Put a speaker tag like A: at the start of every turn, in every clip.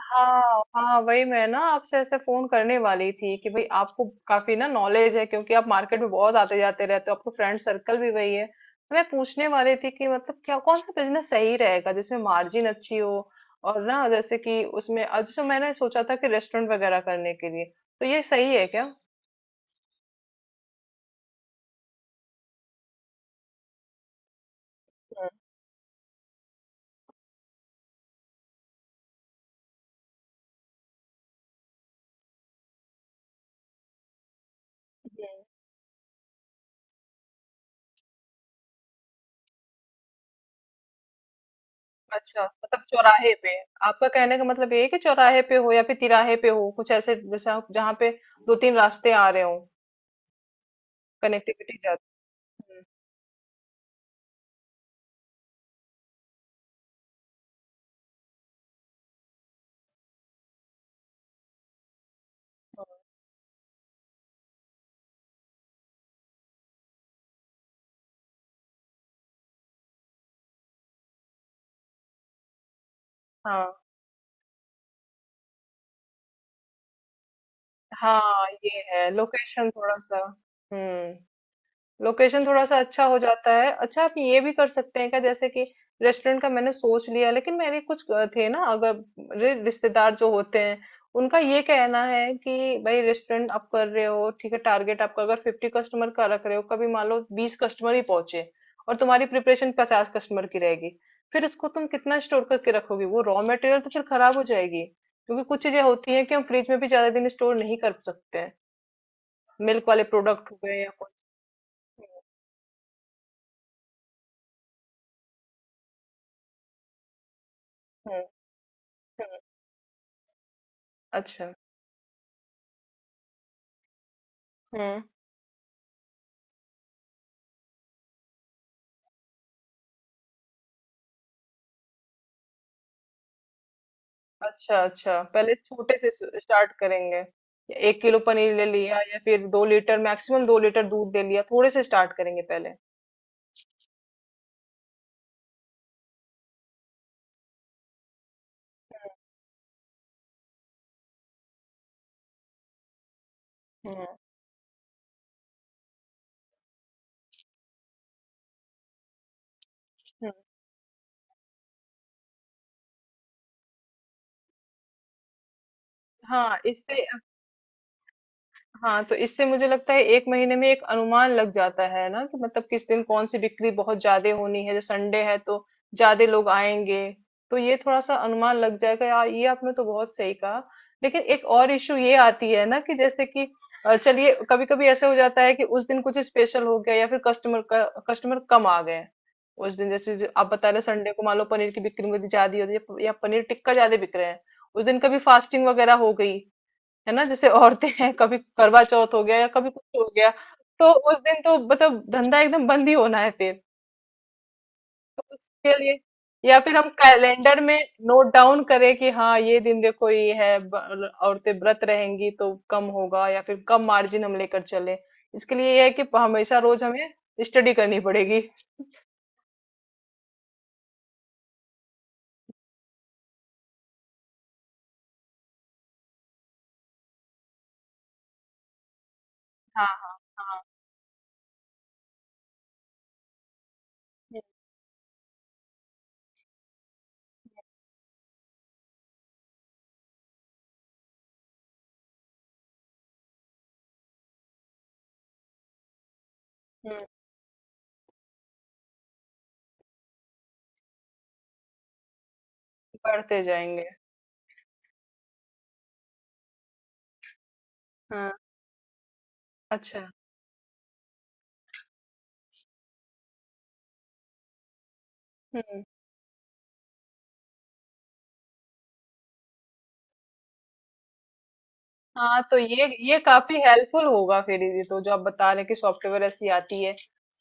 A: हाँ हाँ, वही मैं ना आपसे ऐसे फोन करने वाली थी कि भाई आपको काफी ना नॉलेज है, क्योंकि आप मार्केट में बहुत आते जाते रहते हो, आपका फ्रेंड सर्कल भी वही है। तो मैं पूछने वाली थी कि मतलब क्या कौन सा बिजनेस सही रहेगा जिसमें मार्जिन अच्छी हो। और ना जैसे कि उसमें आज तो मैंने सोचा था कि रेस्टोरेंट वगैरह करने के लिए तो ये सही है क्या? हम्म। अच्छा, मतलब चौराहे पे। आपका कहने का मतलब ये है कि चौराहे पे हो या फिर तिराहे पे हो, कुछ ऐसे जैसे आप जहाँ पे दो तीन रास्ते आ रहे हो। कनेक्टिविटी जाती है। हाँ, हाँ, ये है लोकेशन थोड़ा-सा। हुँ। लोकेशन थोड़ा सा अच्छा हो जाता है। अच्छा, आप ये भी कर सकते हैं क्या, जैसे कि रेस्टोरेंट का मैंने सोच लिया, लेकिन मेरे कुछ थे ना। अगर मेरे रिश्तेदार जो होते हैं, उनका ये कहना है कि भाई रेस्टोरेंट आप कर रहे हो ठीक है, टारगेट आपका अगर 50 कस्टमर का रख रहे हो, कभी मान लो 20 कस्टमर ही पहुंचे और तुम्हारी प्रिपरेशन 50 कस्टमर की रहेगी, फिर इसको तुम कितना स्टोर करके रखोगे? वो रॉ मटेरियल तो फिर खराब हो जाएगी, क्योंकि कुछ चीजें होती हैं कि हम फ्रिज में भी ज्यादा दिन स्टोर नहीं कर सकते हैं। मिल्क वाले प्रोडक्ट हो गए या कुछ। हम्म, हम्म। अच्छा। हुँ। अच्छा, अच्छा, पहले छोटे से स स्टार्ट करेंगे। 1 किलो पनीर ले लिया या फिर 2 लीटर, मैक्सिमम 2 लीटर दूध ले लिया, थोड़े से स्टार्ट करेंगे पहले। हुँ, हुँ। हाँ, इससे। हाँ, तो इससे मुझे लगता है 1 महीने में एक अनुमान लग जाता है ना कि मतलब किस दिन कौन-सी बिक्री बहुत ज़्यादा होनी है। जैसे संडे है तो ज़्यादा लोग आएँगे, तो ये थोड़ा-सा अनुमान लग जाएगा। या ये आपने तो बहुत सही कहा। लेकिन एक और इश्यू ये आती है ना कि जैसे कि चलिए कभी-कभी ऐसा हो जाता है कि उस दिन कुछ स्पेशल हो गया या फिर कस्टमर कम आ गए। उस दिन जैसे ज आप बता रहे संडे को मान लो पनीर की बिक्री मेरी ज़्यादा हो रही है या पनीर टिक्का ज़्यादा बिक रहे हैं। उस दिन कभी फास्टिंग वगैरह हो गई। है ना, जैसे औरतें हैं कभी करवा चौथ हो गया या कभी कुछ हो गया, तो उस दिन तो मतलब धंधा एकदम बंद ही होना है फिर। तो उसके लिए या फिर हम कैलेंडर में नोट डाउन करें कि हाँ ये दिन देखो ये है औरतें व्रत रहेंगी तो कम होगा, या फिर कम मार्जिन हम लेकर चले। इसके लिए ये है कि हमेशा रोज हमें स्टडी करनी पड़ेगी। हाँ, हाँ, हाँ। हम्म, हम्म, बढ़ते जाएंगे। हाँ। अच्छा। हम्म। हाँ, तो ये काफी हेल्पफुल होगा फिर, ये तो जो आप बता रहे हैं कि सॉफ्टवेयर ऐसी आती है,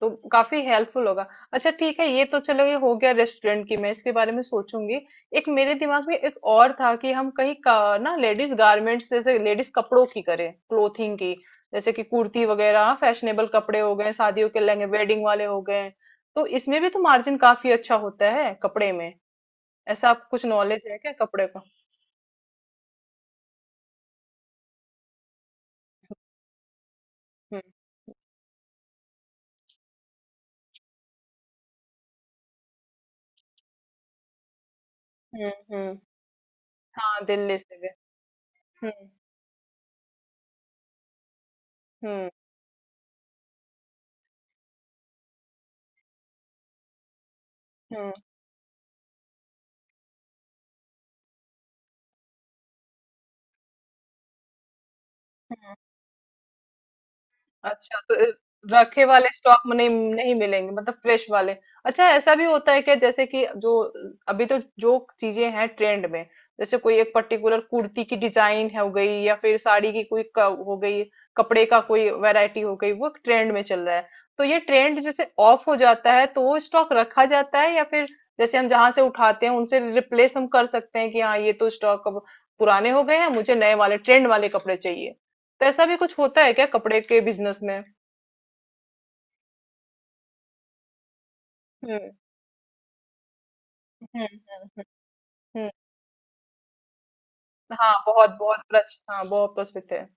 A: तो काफी हेल्पफुल होगा। अच्छा, ठीक है, ये तो चलो ये हो गया रेस्टोरेंट की, मैं इसके बारे में सोचूंगी। एक मेरे दिमाग में एक और था कि हम कहीं का, ना लेडीज गारमेंट्स, जैसे लेडीज कपड़ों की करें, क्लोथिंग की। जैसे कि कुर्ती वगैरह फैशनेबल कपड़े हो गए, शादियों के लहंगे वेडिंग वाले हो गए, तो इसमें भी तो मार्जिन काफी अच्छा होता है कपड़े में। ऐसा आप कुछ नॉलेज है क्या कपड़े का? हम्म, हम्म, हम्म। हाँ, दिल्ली से भी। हम्म। हुँ, हुँ, हुँ। अच्छा, तो रखे वाले स्टॉक में नहीं, नहीं मिलेंगे मतलब फ्रेश वाले। अच्छा, ऐसा भी होता है क्या, जैसे कि जो अभी तो जो चीज़ें हैं ट्रेंड में, जैसे कोई एक पर्टिकुलर कुर्ती की डिज़ाइन हो गई या फिर साड़ी की कोई क हो गई, कपड़े का कोई वैरायटी हो गई, वो ट्रेंड में चल रहा है। तो ये ट्रेंड जैसे ऑफ हो जाता है तो वो स्टॉक रखा जाता है, या फिर जैसे हम जहाँ से उठाते हैं उनसे रिप्लेस हम कर सकते हैं कि हाँ, ये तो स्टॉक अब पुराने हो गए हैं, मुझे नए वाले ट्रेंड वाले कपड़े चाहिए? तो ऐसा भी कुछ होता है क्या कपड़े के बिजनेस में? हुँ, हुँ, हुँ, हुँ, हुँ। हाँ, बहुत बहुत प्रच हाँ, बहुत प्रचलित है।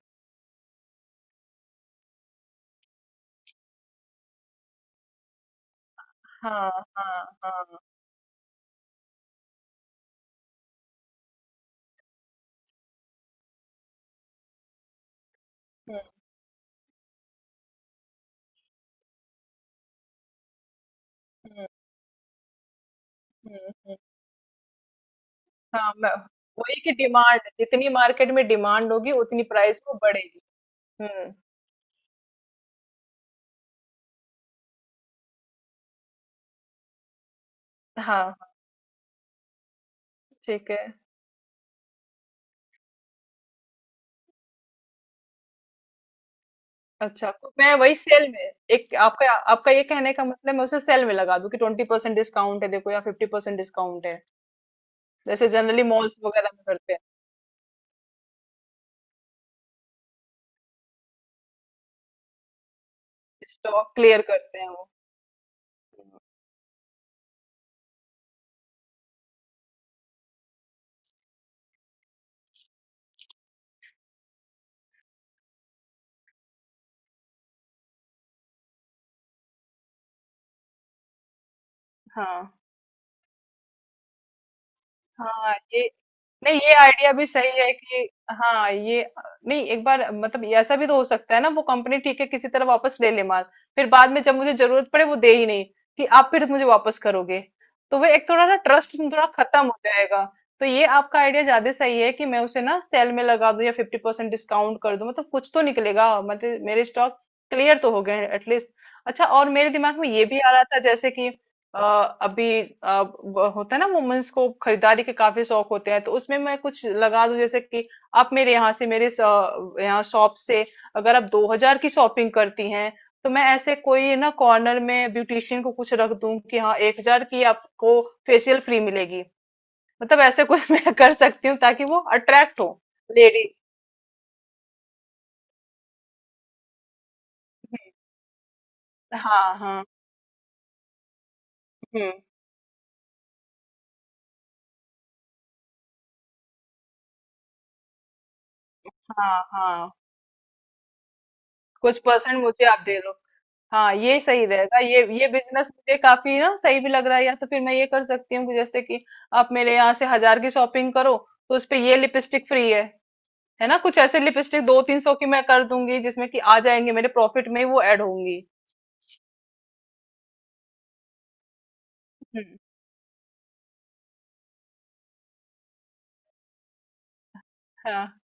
A: हाँ, हाँ, हाँ। हुँ, हुँ, हुँ, हुँ। हाँ, मैं वही कि डिमांड जितनी मार्केट में डिमांड होगी उतनी प्राइस वो बढ़ेगी। हुँ। हाँ, हाँ, ठीक है। अच्छा, तो मैं वही सेल में एक आपका आपका ये कहने का मतलब मैं उसे सेल में लगा दूँ कि 20% डिस्काउंट है देखो या 50% डिस्काउंट है। जैसे जनरली मॉल्स वगैरह में करते हैं, स्टॉक क्लियर करते हैं वो। हाँ। हाँ, ये नहीं, ये आइडिया भी सही है कि हाँ ये, नहीं एक बार मतलब ये ऐसा भी तो हो सकता है ना, वो कंपनी ठीक है किसी तरह वापस ले ले माल, फिर बाद में जब मुझे जरूरत पड़े वो दे ही नहीं कि आप फिर मुझे वापस करोगे, तो वो एक थोड़ा ना ट्रस्ट थोड़ा खत्म हो जाएगा। तो ये आपका आइडिया ज्यादा सही है कि मैं उसे ना सेल में लगा दूं या 50% डिस्काउंट कर दूं, मतलब कुछ तो निकलेगा, मतलब मेरे स्टॉक क्लियर तो हो गए एटलीस्ट। अच्छा, और मेरे दिमाग में ये भी आ रहा था जैसे कि अ, अभी वो होता है ना, वुमेन्स को खरीदारी के काफी शौक होते हैं, तो उसमें मैं कुछ लगा दूं जैसे कि आप मेरे यहाँ से यहाँ शॉप से अगर आप 2 हजार की शॉपिंग करती हैं तो मैं ऐसे कोई ना कॉर्नर में ब्यूटिशियन को कुछ रख दूं कि हाँ 1 हजार की आपको फेशियल फ्री मिलेगी, मतलब ऐसे कुछ मैं कर सकती हूँ ताकि वो अट्रैक्ट हो लेडीज। हाँ, हाँ। हम्म। हाँ, हाँ, कुछ परसेंट मुझे आप दे दो। हाँ, ये सही रहेगा, ये बिजनेस मुझे काफी ना सही भी लग रहा है। या तो फिर मैं ये कर सकती हूँ कि जैसे कि आप मेरे यहाँ से हजार की शॉपिंग करो तो उस पे ये लिपस्टिक फ्री है ना, कुछ ऐसे लिपस्टिक दो तीन सौ की मैं कर दूंगी जिसमें कि आ जाएंगे मेरे प्रॉफिट में ही वो ऐड होंगी। हम्म। हाँ।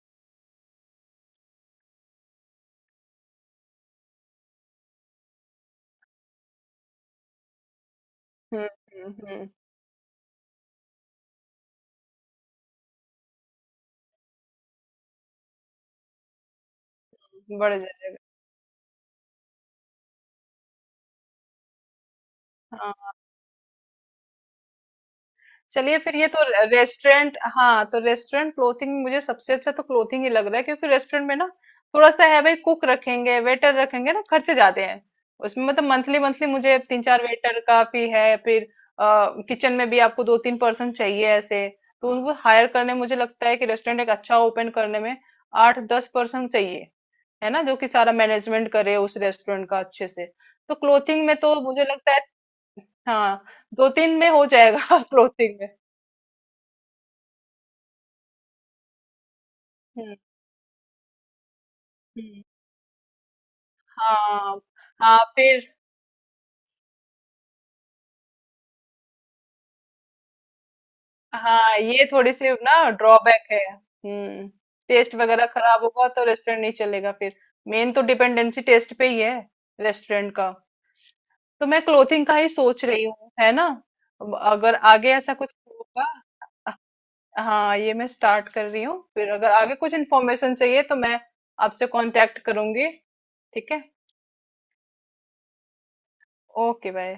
A: हम्म, हम्म, बढ़ जाए। हाँ। चलिए, फिर ये तो रेस्टोरेंट। हाँ, तो रेस्टोरेंट, क्लोथिंग, मुझे सबसे अच्छा तो क्लोथिंग ही लग रहा है, क्योंकि रेस्टोरेंट में ना थोड़ा सा है भाई, कुक रखेंगे, वेटर रखेंगे ना, खर्चे ज्यादा हैं। उसमें मतलब मंथली मंथली मुझे तीन चार वेटर काफी है फिर, किचन में भी आपको दो तीन पर्सन चाहिए ऐसे। तो उनको हायर करने, मुझे लगता है कि रेस्टोरेंट एक अच्छा ओपन करने में 8-10 पर्सन चाहिए, है ना, जो कि सारा मैनेजमेंट करे उस रेस्टोरेंट का अच्छे से। तो क्लोथिंग में तो मुझे लगता है हाँ दो तीन में हो जाएगा क्लोथिंग में। हम्म। हुँ, हाँ, हाँ, फिर। हाँ, ये थोड़ी-सी ना ड्रॉबैक है। हुँ, टेस्ट वगैरह खराब होगा तो रेस्टोरेंट नहीं चलेगा फिर। मेन तो डिपेंडेंसी टेस्ट पे ही है रेस्टोरेंट का। तो मैं क्लोथिंग का ही सोच रही हूँ, है ना? अब अगर आगे ऐसा कुछ होगा अ, हाँ, ये मैं स्टार्ट कर रही हूँ। फिर अगर आगे कुछ इन्फॉर्मेशन चाहिए तो मैं आपसे कांटेक्ट करूँगी, ठीक है? Okay, bye.